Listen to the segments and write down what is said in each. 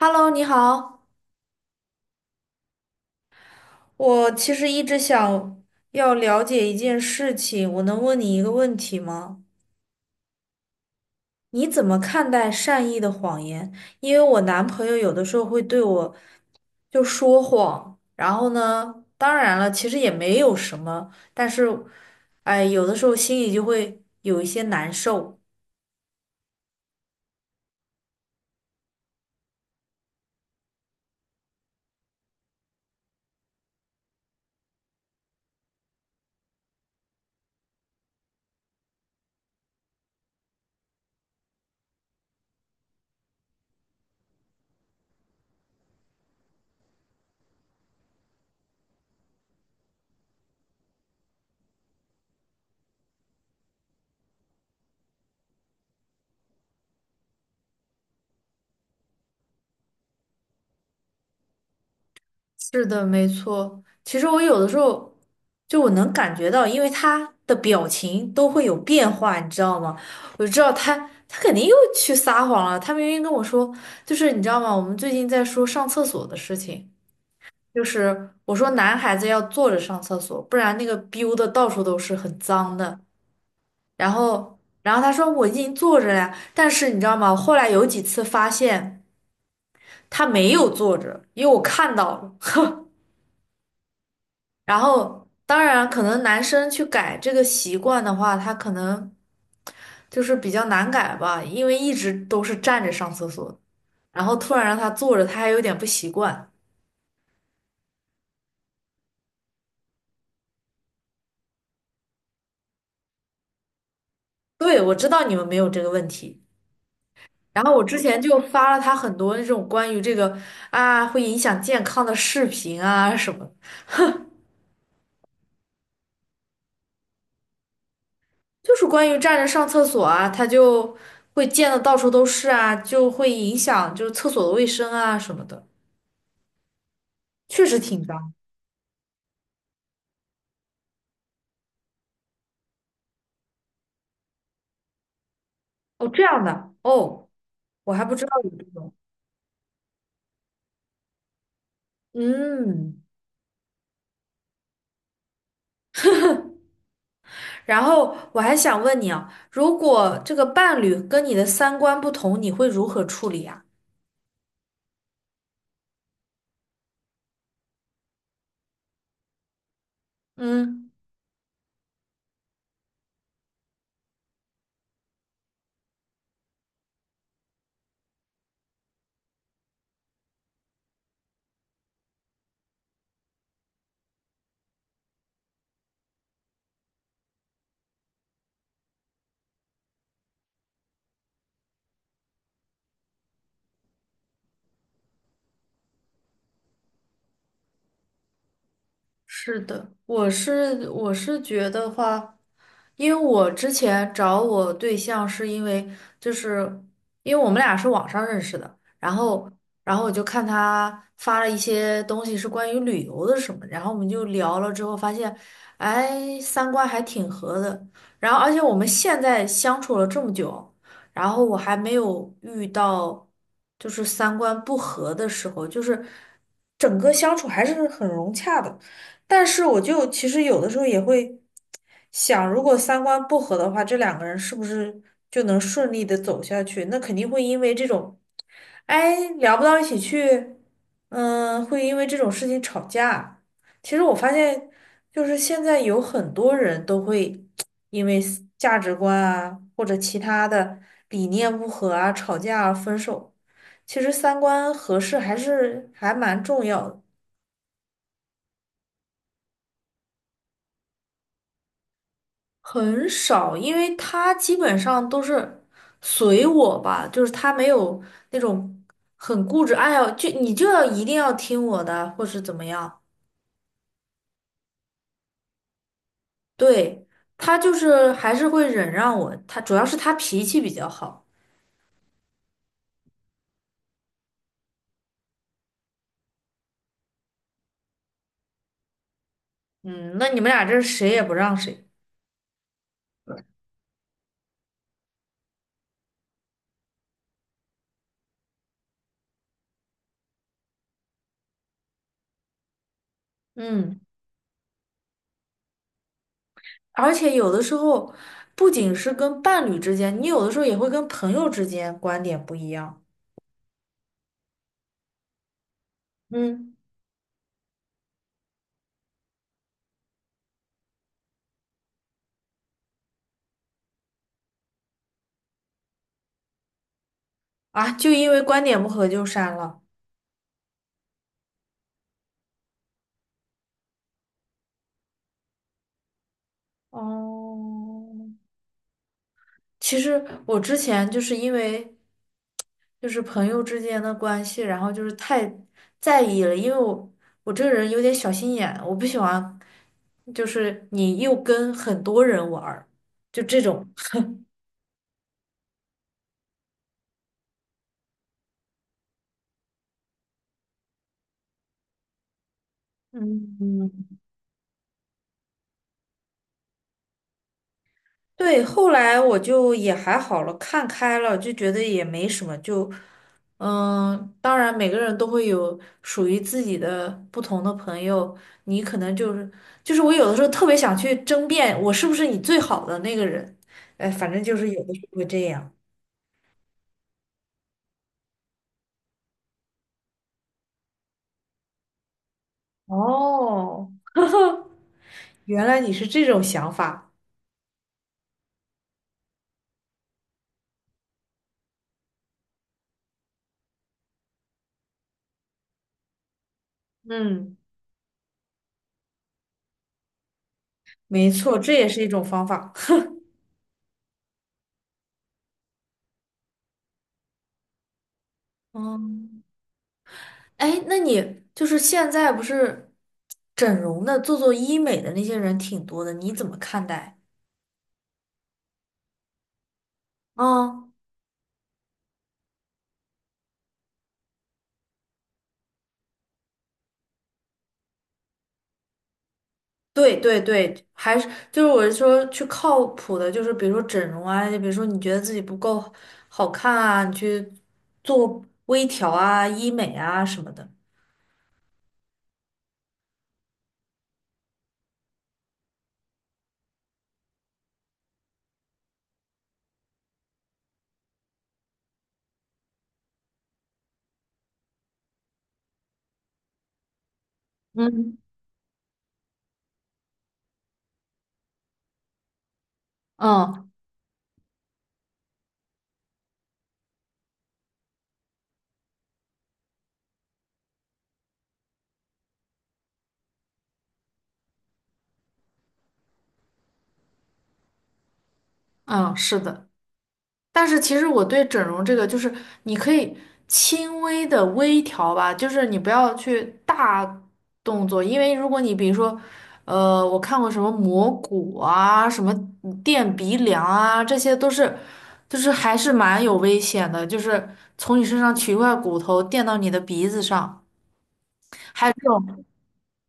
Hello，你好，我其实一直想要了解一件事情，我能问你一个问题吗？你怎么看待善意的谎言？因为我男朋友有的时候会对我就说谎，然后呢，当然了，其实也没有什么，但是，哎，有的时候心里就会有一些难受。是的，没错。其实我有的时候就我能感觉到，因为他的表情都会有变化，你知道吗？我就知道他肯定又去撒谎了。他明明跟我说，就是你知道吗？我们最近在说上厕所的事情，就是我说男孩子要坐着上厕所，不然那个 b i 的到处都是，很脏的。然后他说我已经坐着了呀，但是你知道吗？后来有几次发现他没有坐着，因为我看到了。然后，当然，可能男生去改这个习惯的话，他可能就是比较难改吧，因为一直都是站着上厕所，然后突然让他坐着，他还有点不习惯。对，我知道你们没有这个问题。然后我之前就发了他很多那种关于这个啊会影响健康的视频啊什么，就是关于站着上厕所啊，他就会溅得到处都是啊，就会影响就是厕所的卫生啊什么的，确实挺脏。哦，这样的哦。我还不知道有这种。嗯，然后我还想问你啊，如果这个伴侣跟你的三观不同，你会如何处理啊？嗯。是的，我是觉得话，因为我之前找我对象是因为就是因为我们俩是网上认识的，然后然后我就看他发了一些东西是关于旅游的什么，然后我们就聊了之后发现，哎，三观还挺合的，然后而且我们现在相处了这么久，然后我还没有遇到就是三观不合的时候，就是整个相处还是很融洽的。但是我就其实有的时候也会想，如果三观不合的话，这两个人是不是就能顺利的走下去？那肯定会因为这种，哎，聊不到一起去，嗯，会因为这种事情吵架。其实我发现，就是现在有很多人都会因为思价值观啊，或者其他的理念不合啊，吵架啊，分手。其实三观合适还是还蛮重要的。很少，因为他基本上都是随我吧，就是他没有那种很固执，哎呀，就你就要一定要听我的，或是怎么样。对，他就是还是会忍让我，他主要是他脾气比较好。嗯，那你们俩这是谁也不让谁。嗯，而且有的时候不仅是跟伴侣之间，你有的时候也会跟朋友之间观点不一样。嗯，啊，就因为观点不合就删了。哦，其实我之前就是因为就是朋友之间的关系，然后就是太在意了，因为我这个人有点小心眼，我不喜欢就是你又跟很多人玩儿，就这种。嗯，对，后来我就也还好了，看开了，就觉得也没什么，就，嗯，当然每个人都会有属于自己的不同的朋友，你可能就是就是我有的时候特别想去争辩，我是不是你最好的那个人，哎，反正就是有的时候会这样。哦，原来你是这种想法，嗯，没错，这也是一种方法。嗯。哎，那你就是现在不是整容的、做做医美的那些人挺多的，你怎么看待？嗯，对对对，还是就是我是说去靠谱的，就是比如说整容啊，就比如说你觉得自己不够好看啊，你去做微调啊、医美啊什么的。嗯嗯嗯，是的。但是其实我对整容这个，就是你可以轻微的微调吧，就是你不要去大动作，因为如果你比如说，我看过什么磨骨啊，什么垫鼻梁啊，这些都是，就是还是蛮有危险的，就是从你身上取一块骨头垫到你的鼻子上。还有这种。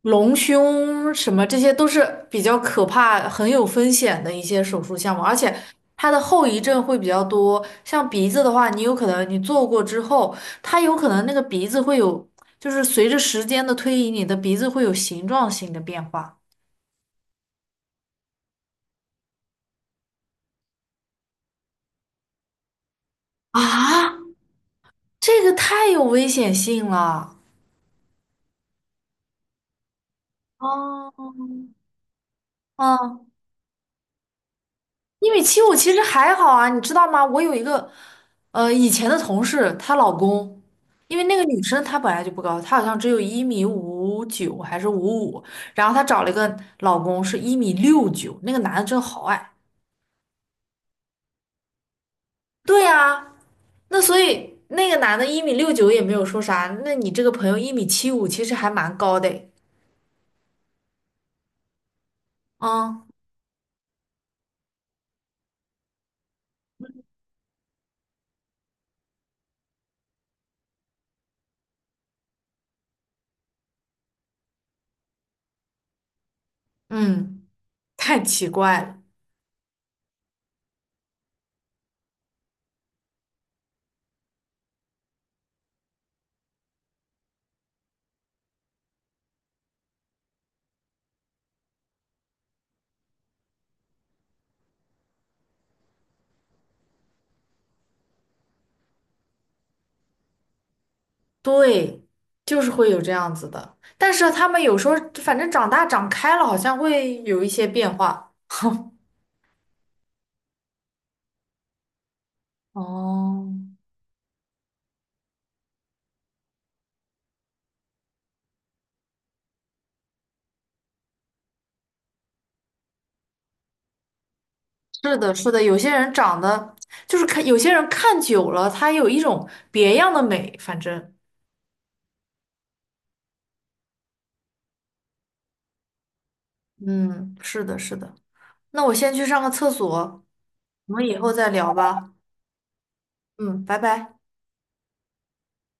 隆胸什么，这些都是比较可怕、很有风险的一些手术项目，而且它的后遗症会比较多。像鼻子的话，你有可能你做过之后，它有可能那个鼻子会有，就是随着时间的推移，你的鼻子会有形状性的变化。啊？这个太有危险性了。哦，嗯，一米七五其实还好啊，你知道吗？我有一个，以前的同事，她老公，因为那个女生她本来就不高，她好像只有1米59还是五五，然后她找了一个老公是一米六九，那个男的真好矮。对呀，那所以那个男的一米六九也没有说啥，那你这个朋友一米七五其实还蛮高的诶，嗯嗯，太奇怪了。对，就是会有这样子的。但是他们有时候反正长大长开了，好像会有一些变化。哦，是的，是的，有些人长得就是看，有些人看久了，他有一种别样的美。反正，嗯，是的，是的。那我先去上个厕所，我们以后再聊吧。嗯，拜拜。